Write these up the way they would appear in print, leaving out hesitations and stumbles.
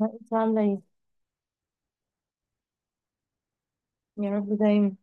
انت عامله ايه؟ يا رب دايما.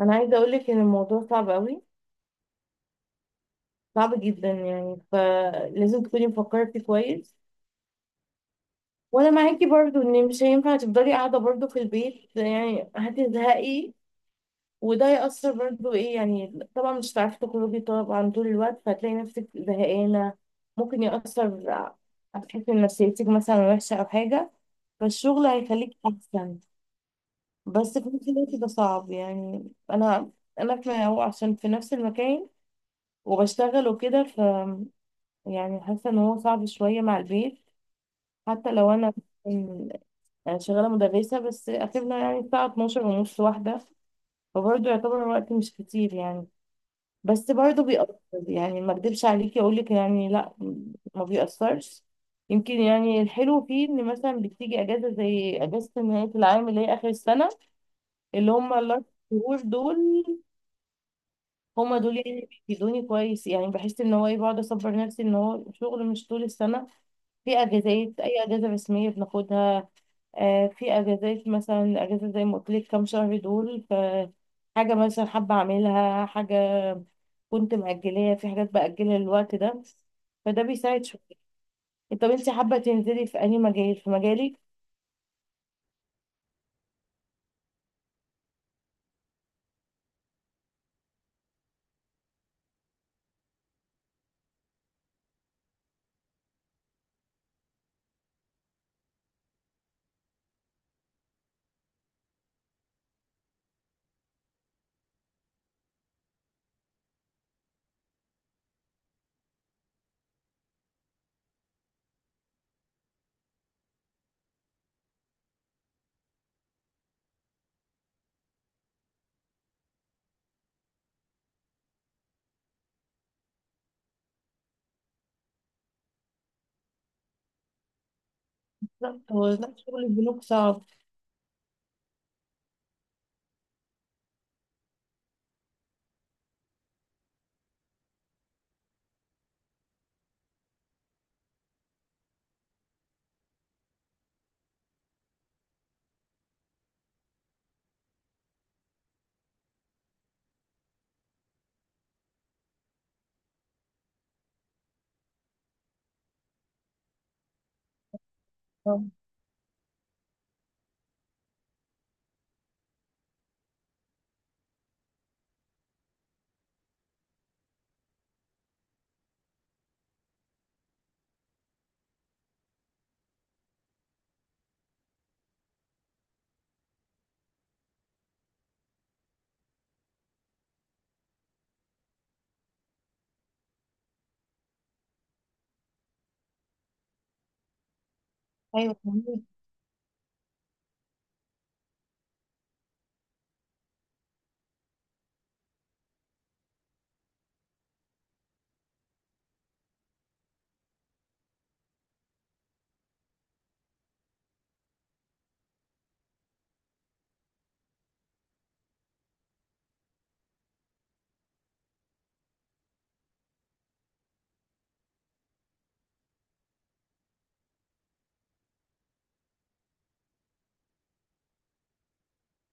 انا عايزه اقول لك ان الموضوع صعب قوي. صعب جدا، يعني فلازم تكوني مفكره فيه كويس. وانا معاكي برضو ان مش هينفع تفضلي قاعده برضو في البيت، يعني هتزهقي. وده يأثر برضو ايه، يعني طبعا مش هتعرفي تخرجي طبعا طول الوقت فهتلاقي نفسك زهقانه. ممكن يأثر. هتحسي ان نفسيتك مثلا وحشه او حاجه. فالشغل هيخليك احسن. بس في نفس الوقت ده صعب، يعني انا في هو عشان في نفس المكان. وبشتغل وكده يعني حاسه ان هو صعب شويه مع البيت. حتى لو انا أنا شغاله مدرسه، بس اخرنا يعني الساعه 12 ونص واحده. فبرضه يعتبر الوقت مش كتير يعني. بس برضه بيأثر. يعني ما اكدبش عليكي اقول لك يعني لا، ما بيأثرش. يمكن يعني الحلو فيه ان مثلا بتيجي اجازه زي اجازه نهايه العام اللي هي اخر السنه، اللي هم الاربع شهور دول. هما دول يعني اللي بيفيدوني كويس، يعني بحس ان هو ايه بقعد اصبر نفسي ان هو شغل مش طول السنه. في اجازات، اي اجازه رسميه بناخدها. في اجازات مثلا اجازه زي ما قلت لك كام شهر دول، ف حاجه مثلا حابه اعملها، حاجه كنت مأجلاها، في حاجات بأجلها للوقت ده. فده بيساعد شويه. طب انت حابه تنزلي في اي مجال، في مجالك؟ بالظبط، هو لا، شغل البنوك صعب. آه، ايوه، فهمت.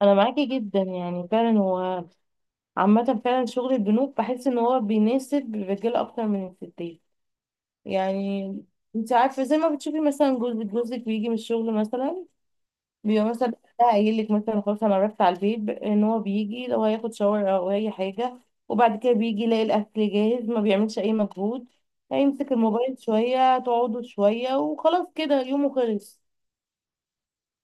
انا معاكي جدا، يعني فعلا هو عامة فعلا شغل البنوك بحس ان هو بيناسب الرجالة اكتر من الستات. يعني انت عارفة زي ما بتشوفي، مثلا جوزك بيجي من الشغل. مثلا بيبقى مثلا ده قايل لك مثلا خلاص انا رحت على البيت، ان هو بيجي لو هياخد شاور او اي حاجة. وبعد كده بيجي يلاقي الاكل جاهز، ما بيعملش اي مجهود. هيمسك الموبايل شوية، تقعدوا شوية وخلاص كده يومه خلص.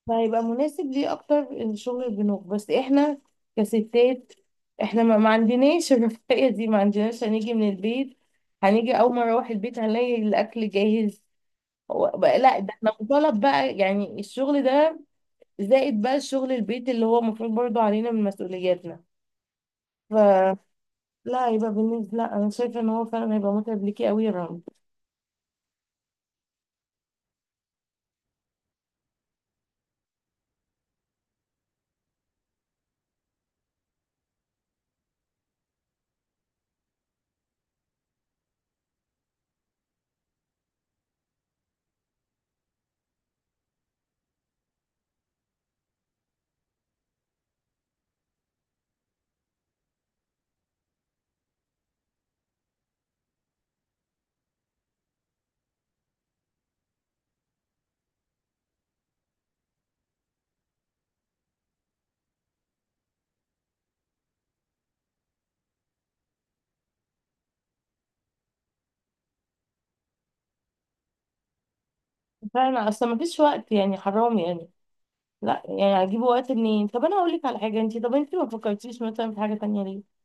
فهيبقى مناسب ليه اكتر الشغل البنوك، بس احنا كستات احنا ما عندناش الرفاهية دي، ما عندناش هنيجي من البيت هنيجي، اول ما اروح البيت هنلاقي الاكل جاهز. هو بقى لا، ده احنا مطالب بقى يعني الشغل ده، زائد بقى الشغل البيت اللي هو المفروض برضو علينا من مسؤولياتنا. فلا، هيبقى بالنسبة لا انا شايفة ان هو فعلا هيبقى متعب ليكي قوي يا رامي. فعلا اصلا ما فيش وقت، يعني حرام يعني. لا يعني هجيب وقت منين؟ طب انا هقول لك على حاجه، انت طب انت ما فكرتيش مثلا في حاجه تانية ليه؟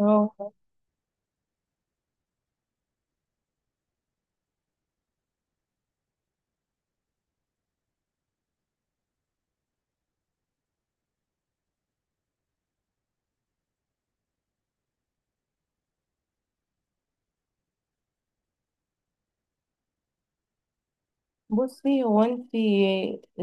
اه، بصي هو انت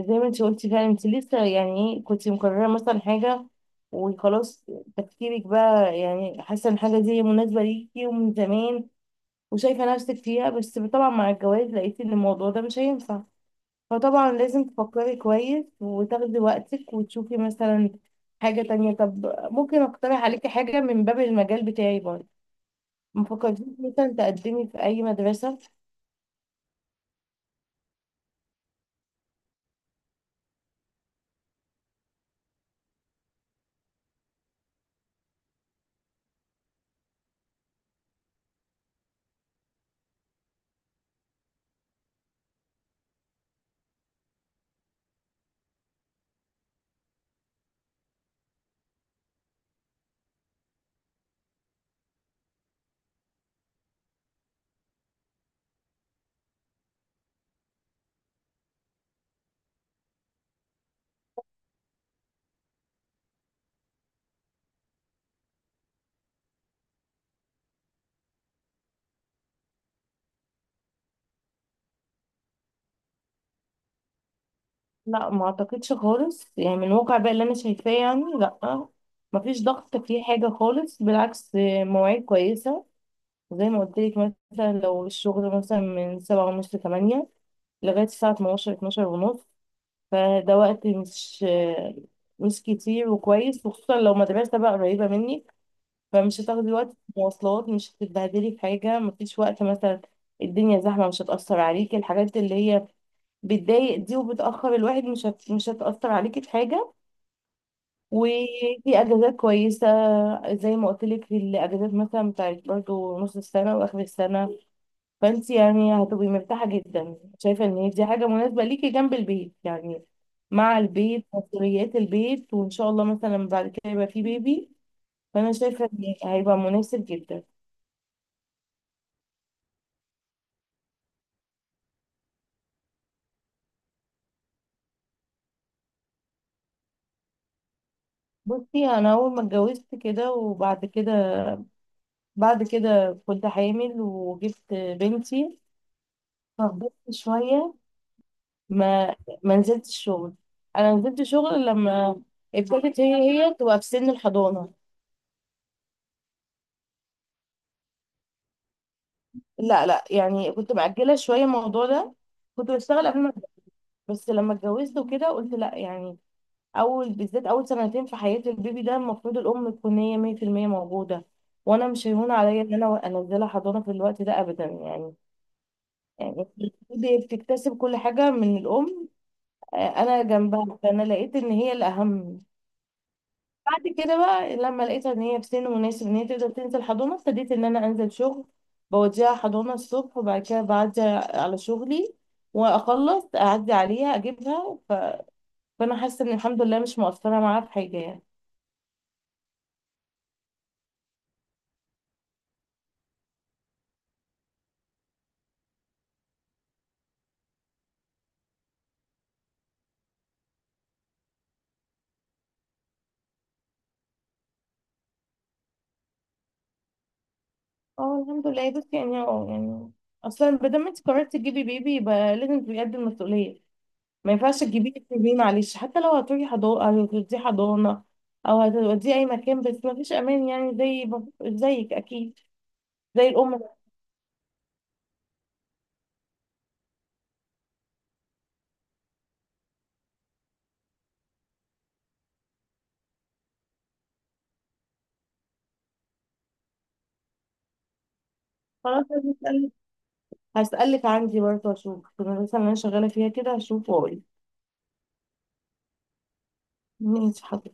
زي ما انت قلتي فعلا انت لسه يعني ايه، كنت مقرره مثلا حاجه وخلاص، تفكيرك بقى يعني حاسه ان الحاجه دي مناسبه ليكي ومن زمان وشايفه نفسك فيها. بس طبعا مع الجواز لقيتي ان الموضوع ده مش هينفع، فطبعا لازم تفكري كويس وتاخدي وقتك وتشوفي مثلا حاجه تانية. طب ممكن اقترح عليكي حاجه من باب المجال بتاعي برضه، ما فكرتيش مثلا تقدمي في اي مدرسه؟ لا ما اعتقدش خالص، يعني من الواقع بقى اللي انا شايفاه يعني لا، ما فيش ضغط في حاجه خالص، بالعكس مواعيد كويسه. زي ما قلت لك مثلا لو الشغل مثلا من سبعة ونص لتمانية، لغايه الساعه 12 ونص. فده وقت مش كتير وكويس، وخصوصا لو مدرسه بقى قريبه منك، فمش هتاخدي وقت في المواصلات، مش هتتبهدلي في حاجه، مفيش وقت مثلا الدنيا زحمه، مش هتاثر عليكي الحاجات اللي هي بتضايق دي وبتأخر الواحد، مش هتأثر عليكي في حاجة. وفي أجازات كويسة، زي ما قلت لك الأجازات مثلا بتاعت برضو نص السنة وآخر السنة. فأنت يعني هتبقي مرتاحة جدا، شايفة إن هي دي حاجة مناسبة ليكي جنب البيت، يعني مع البيت، مسؤوليات البيت، وإن شاء الله مثلا بعد كده يبقى في بيبي. فأنا شايفة إن هيبقى مناسب جدا. بصي أنا أول ما اتجوزت كده وبعد كده كنت حامل وجبت بنتي. فخبطت شوية، ما ما نزلتش شغل. انا نزلت شغل لما ابتدت هي تبقى في سن الحضانه. لا لا، يعني كنت مأجله شويه الموضوع ده، كنت بشتغل قبل ما أتجوز. بس لما اتجوزت وكده قلت لا، يعني اول بالذات اول سنتين في حياه البيبي ده المفروض الام تكون هي 100% موجوده. وانا مش هيهون عليا ان انا انزلها حضانه في الوقت ده ابدا يعني. يعني البيبي بتكتسب كل حاجه من الام. آه، انا جنبها، فانا لقيت ان هي الاهم. بعد كده بقى لما لقيتها ان هي في سن مناسب ان هي تقدر تنزل حضانه ابتديت ان انا انزل شغل. بوديها حضانه الصبح وبعد كده بعدي على شغلي واخلص اعدي عليها اجيبها فانا حاسه ان الحمد لله مش مؤثره معاها في حاجه يعني. اه الحمد لله، بس يعني يعني اصلا بدل ما دام انت قررتي تجيبي بيبي يبقى لازم تبقي قد المسؤوليه. ما ينفعش تجيبيه تسيبيه، معلش حتى لو هتروحي حضانه هتوديه حضانه او هتوديه اي مكان، بس ما فيش امان يعني، زيك اكيد، زي الام. خلاص، هسألك عندي برضه، أشوف في المدرسة اللي أنا شغالة فيها كده هشوف وأقول. ماشي حاضر.